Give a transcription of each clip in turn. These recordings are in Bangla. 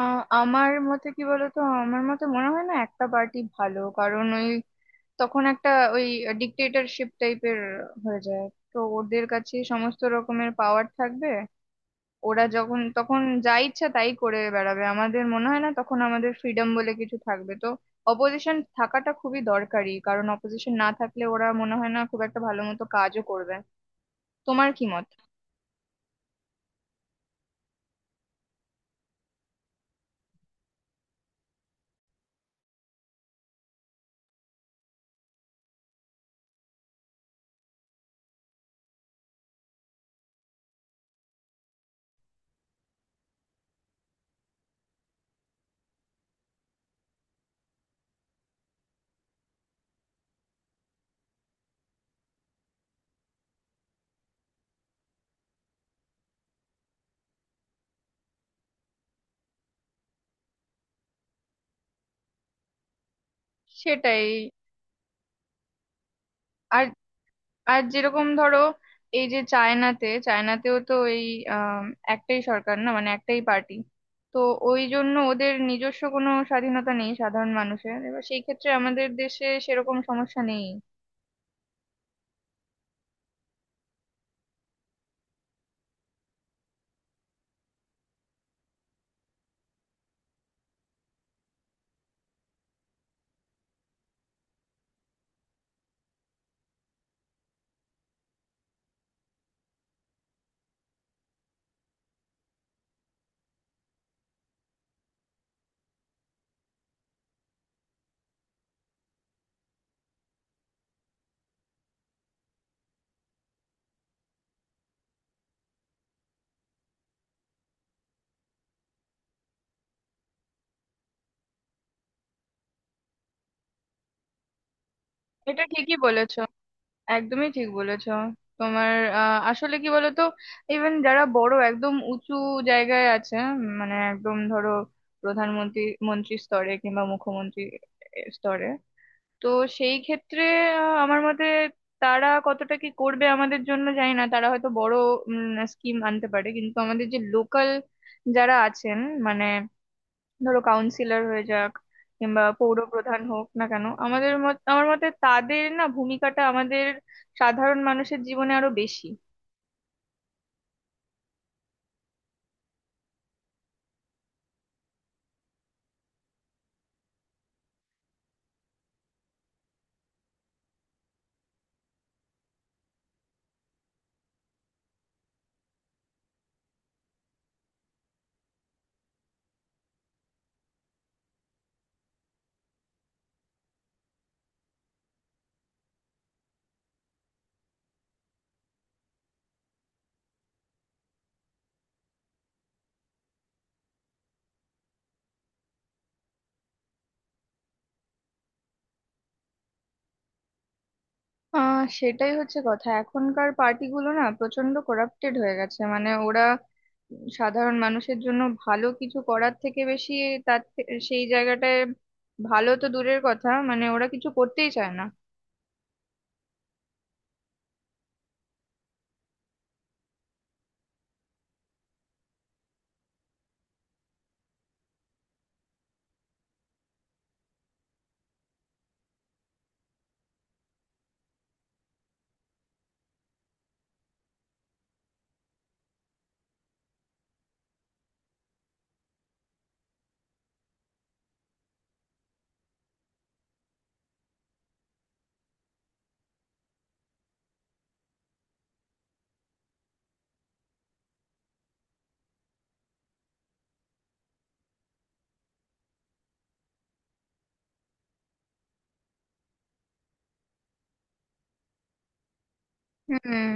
আ- আমার মতে কি বলতো? আমার মতে মনে হয় না একটা পার্টি ভালো, কারণ ওই তখন একটা ওই ডিক্টেটরশিপ টাইপের হয়ে যায়। তো ওদের কাছে সমস্ত রকমের পাওয়ার থাকবে, ওরা যখন তখন যা ইচ্ছা তাই করে বেড়াবে। আমাদের মনে হয় না তখন আমাদের ফ্রিডম বলে কিছু থাকবে। তো অপোজিশন থাকাটা খুবই দরকারি, কারণ অপোজিশন না থাকলে ওরা মনে হয় না খুব একটা ভালো মতো কাজও করবে। তোমার কি মত? সেটাই। আর আর যেরকম ধরো, এই যে চায়নাতে, চায়নাতেও তো এই আম, একটাই সরকার, না মানে একটাই পার্টি। তো ওই জন্য ওদের নিজস্ব কোনো স্বাধীনতা নেই সাধারণ মানুষের। এবার সেই ক্ষেত্রে আমাদের দেশে সেরকম সমস্যা নেই। এটা ঠিকই বলেছো, একদমই ঠিক বলেছো। তোমার আসলে কি বলতো, ইভেন যারা বড় একদম উঁচু জায়গায় আছে, মানে একদম ধরো প্রধানমন্ত্রী, মন্ত্রী স্তরে কিংবা মুখ্যমন্ত্রী স্তরে, তো সেই ক্ষেত্রে আমার মতে তারা কতটা কি করবে আমাদের জন্য জানি না। তারা হয়তো বড় স্কিম আনতে পারে, কিন্তু আমাদের যে লোকাল যারা আছেন, মানে ধরো কাউন্সিলর হয়ে যাক কিংবা পৌর প্রধান হোক না কেন, আমাদের মত আমার মতে তাদের না ভূমিকাটা আমাদের সাধারণ মানুষের জীবনে আরো বেশি। সেটাই হচ্ছে কথা। এখনকার পার্টিগুলো না প্রচন্ড করাপ্টেড হয়ে গেছে, মানে ওরা সাধারণ মানুষের জন্য ভালো কিছু করার থেকে বেশি সেই জায়গাটায় ভালো তো দূরের কথা, মানে ওরা কিছু করতেই চায় না। হুম।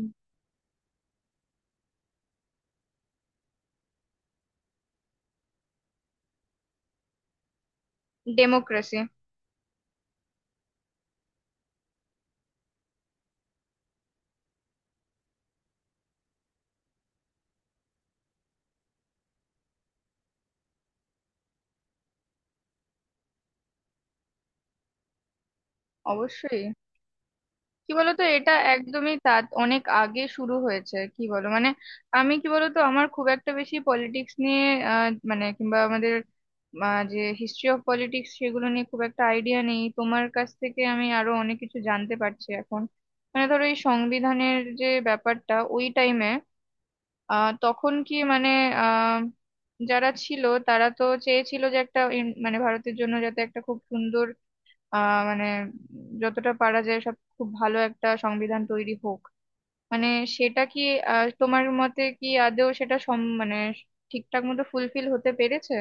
ডেমোক্রেসি। অবশ্যই। কি বলতো, এটা একদমই তা অনেক আগে শুরু হয়েছে, কি বলো। মানে আমি কি বলতো, আমার খুব একটা বেশি পলিটিক্স নিয়ে মানে কিংবা আমাদের যে হিস্ট্রি অফ পলিটিক্স, সেগুলো নিয়ে খুব একটা আইডিয়া নেই। তোমার কাছ থেকে আমি আরো অনেক কিছু জানতে পারছি এখন। মানে ধরো এই সংবিধানের যে ব্যাপারটা, ওই টাইমে তখন কি মানে আহ যারা ছিল তারা তো চেয়েছিল যে একটা মানে ভারতের জন্য যাতে একটা খুব সুন্দর মানে যতটা পারা যায় সব খুব ভালো একটা সংবিধান তৈরি হোক। মানে সেটা কি তোমার মতে কি আদৌ সেটা সম মানে ঠিকঠাক মতো ফুলফিল হতে পেরেছে?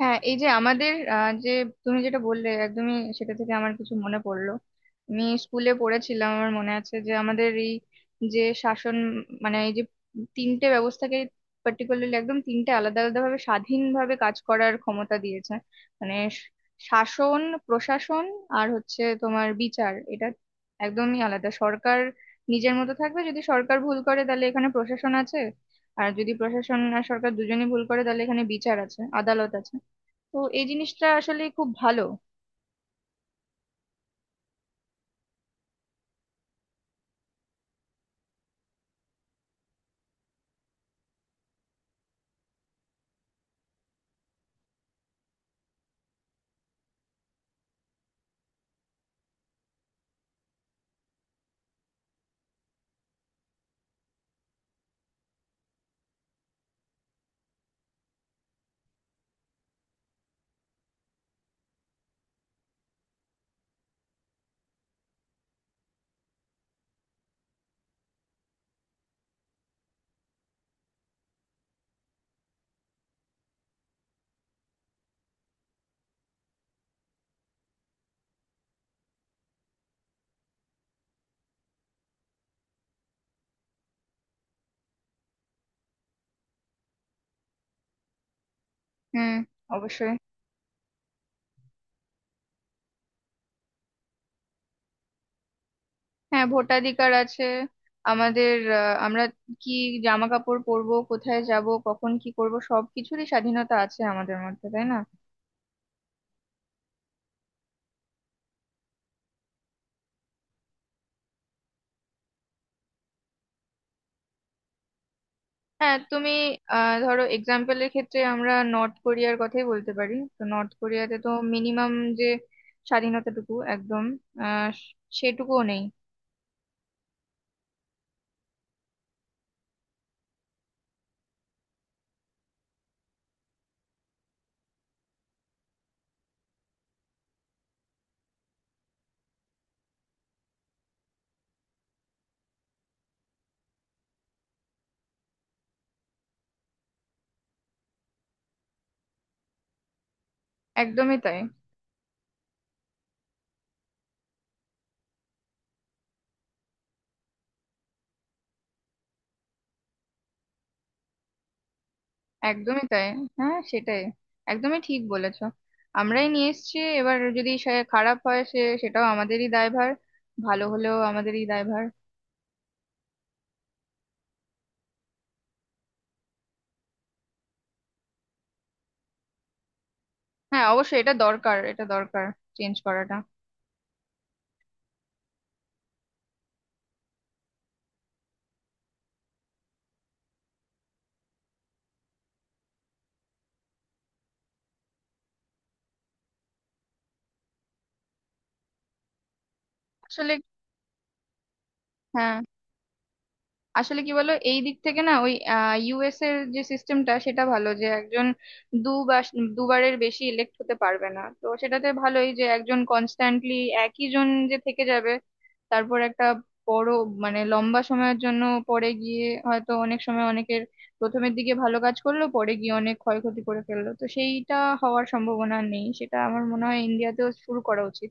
হ্যাঁ, এই যে আমাদের যে তুমি যেটা বললে, একদমই সেটা থেকে আমার কিছু মনে পড়লো। আমি স্কুলে পড়েছিলাম, আমার মনে আছে যে আমাদের এই যে শাসন, মানে এই যে তিনটে ব্যবস্থাকে পার্টিকুলারলি একদম তিনটে আলাদা আলাদা ভাবে স্বাধীনভাবে কাজ করার ক্ষমতা দিয়েছে। মানে শাসন, প্রশাসন, আর হচ্ছে তোমার বিচার। এটা একদমই আলাদা। সরকার নিজের মতো থাকবে, যদি সরকার ভুল করে তাহলে এখানে প্রশাসন আছে। আর যদি প্রশাসন আর সরকার দুজনেই ভুল করে তাহলে এখানে বিচার আছে, আদালত আছে। তো এই জিনিসটা আসলে খুব ভালো। হুম। অবশ্যই। হ্যাঁ, ভোটাধিকার আছে আমাদের। আমরা কি জামা কাপড় পরবো, কোথায় যাব, কখন কি করব, সবকিছুরই স্বাধীনতা আছে আমাদের মধ্যে, তাই না? হ্যাঁ তুমি ধরো, এক্সাম্পলের ক্ষেত্রে আমরা নর্থ কোরিয়ার কথাই বলতে পারি। তো নর্থ কোরিয়াতে তো মিনিমাম যে স্বাধীনতাটুকু একদম আহ সেটুকুও নেই। একদমই তাই। একদমই তাই। হ্যাঁ, সেটাই। একদমই ঠিক বলেছো। আমরাই নিয়ে এসেছি, এবার যদি সে খারাপ হয়, সে সেটাও আমাদেরই দায়ভার, ভালো হলেও আমাদেরই দায়ভার। হ্যাঁ, অবশ্যই এটা দরকার, এটা দরকার, চেঞ্জ করাটা। আসলে হ্যাঁ, আসলে কি বলো, এই দিক থেকে না ওই ইউএস এর যে সিস্টেমটা সেটা ভালো, যে একজন দুবার দুবারের বেশি ইলেক্ট হতে পারবে না। তো সেটাতে ভালোই, যে একজন কনস্ট্যান্টলি একই জন যে থেকে যাবে তারপর একটা বড় মানে লম্বা সময়ের জন্য, পরে গিয়ে হয়তো অনেক সময় অনেকের প্রথমের দিকে ভালো কাজ করলো পরে গিয়ে অনেক ক্ষয়ক্ষতি করে ফেললো, তো সেইটা হওয়ার সম্ভাবনা নেই। সেটা আমার মনে হয় ইন্ডিয়াতেও শুরু করা উচিত।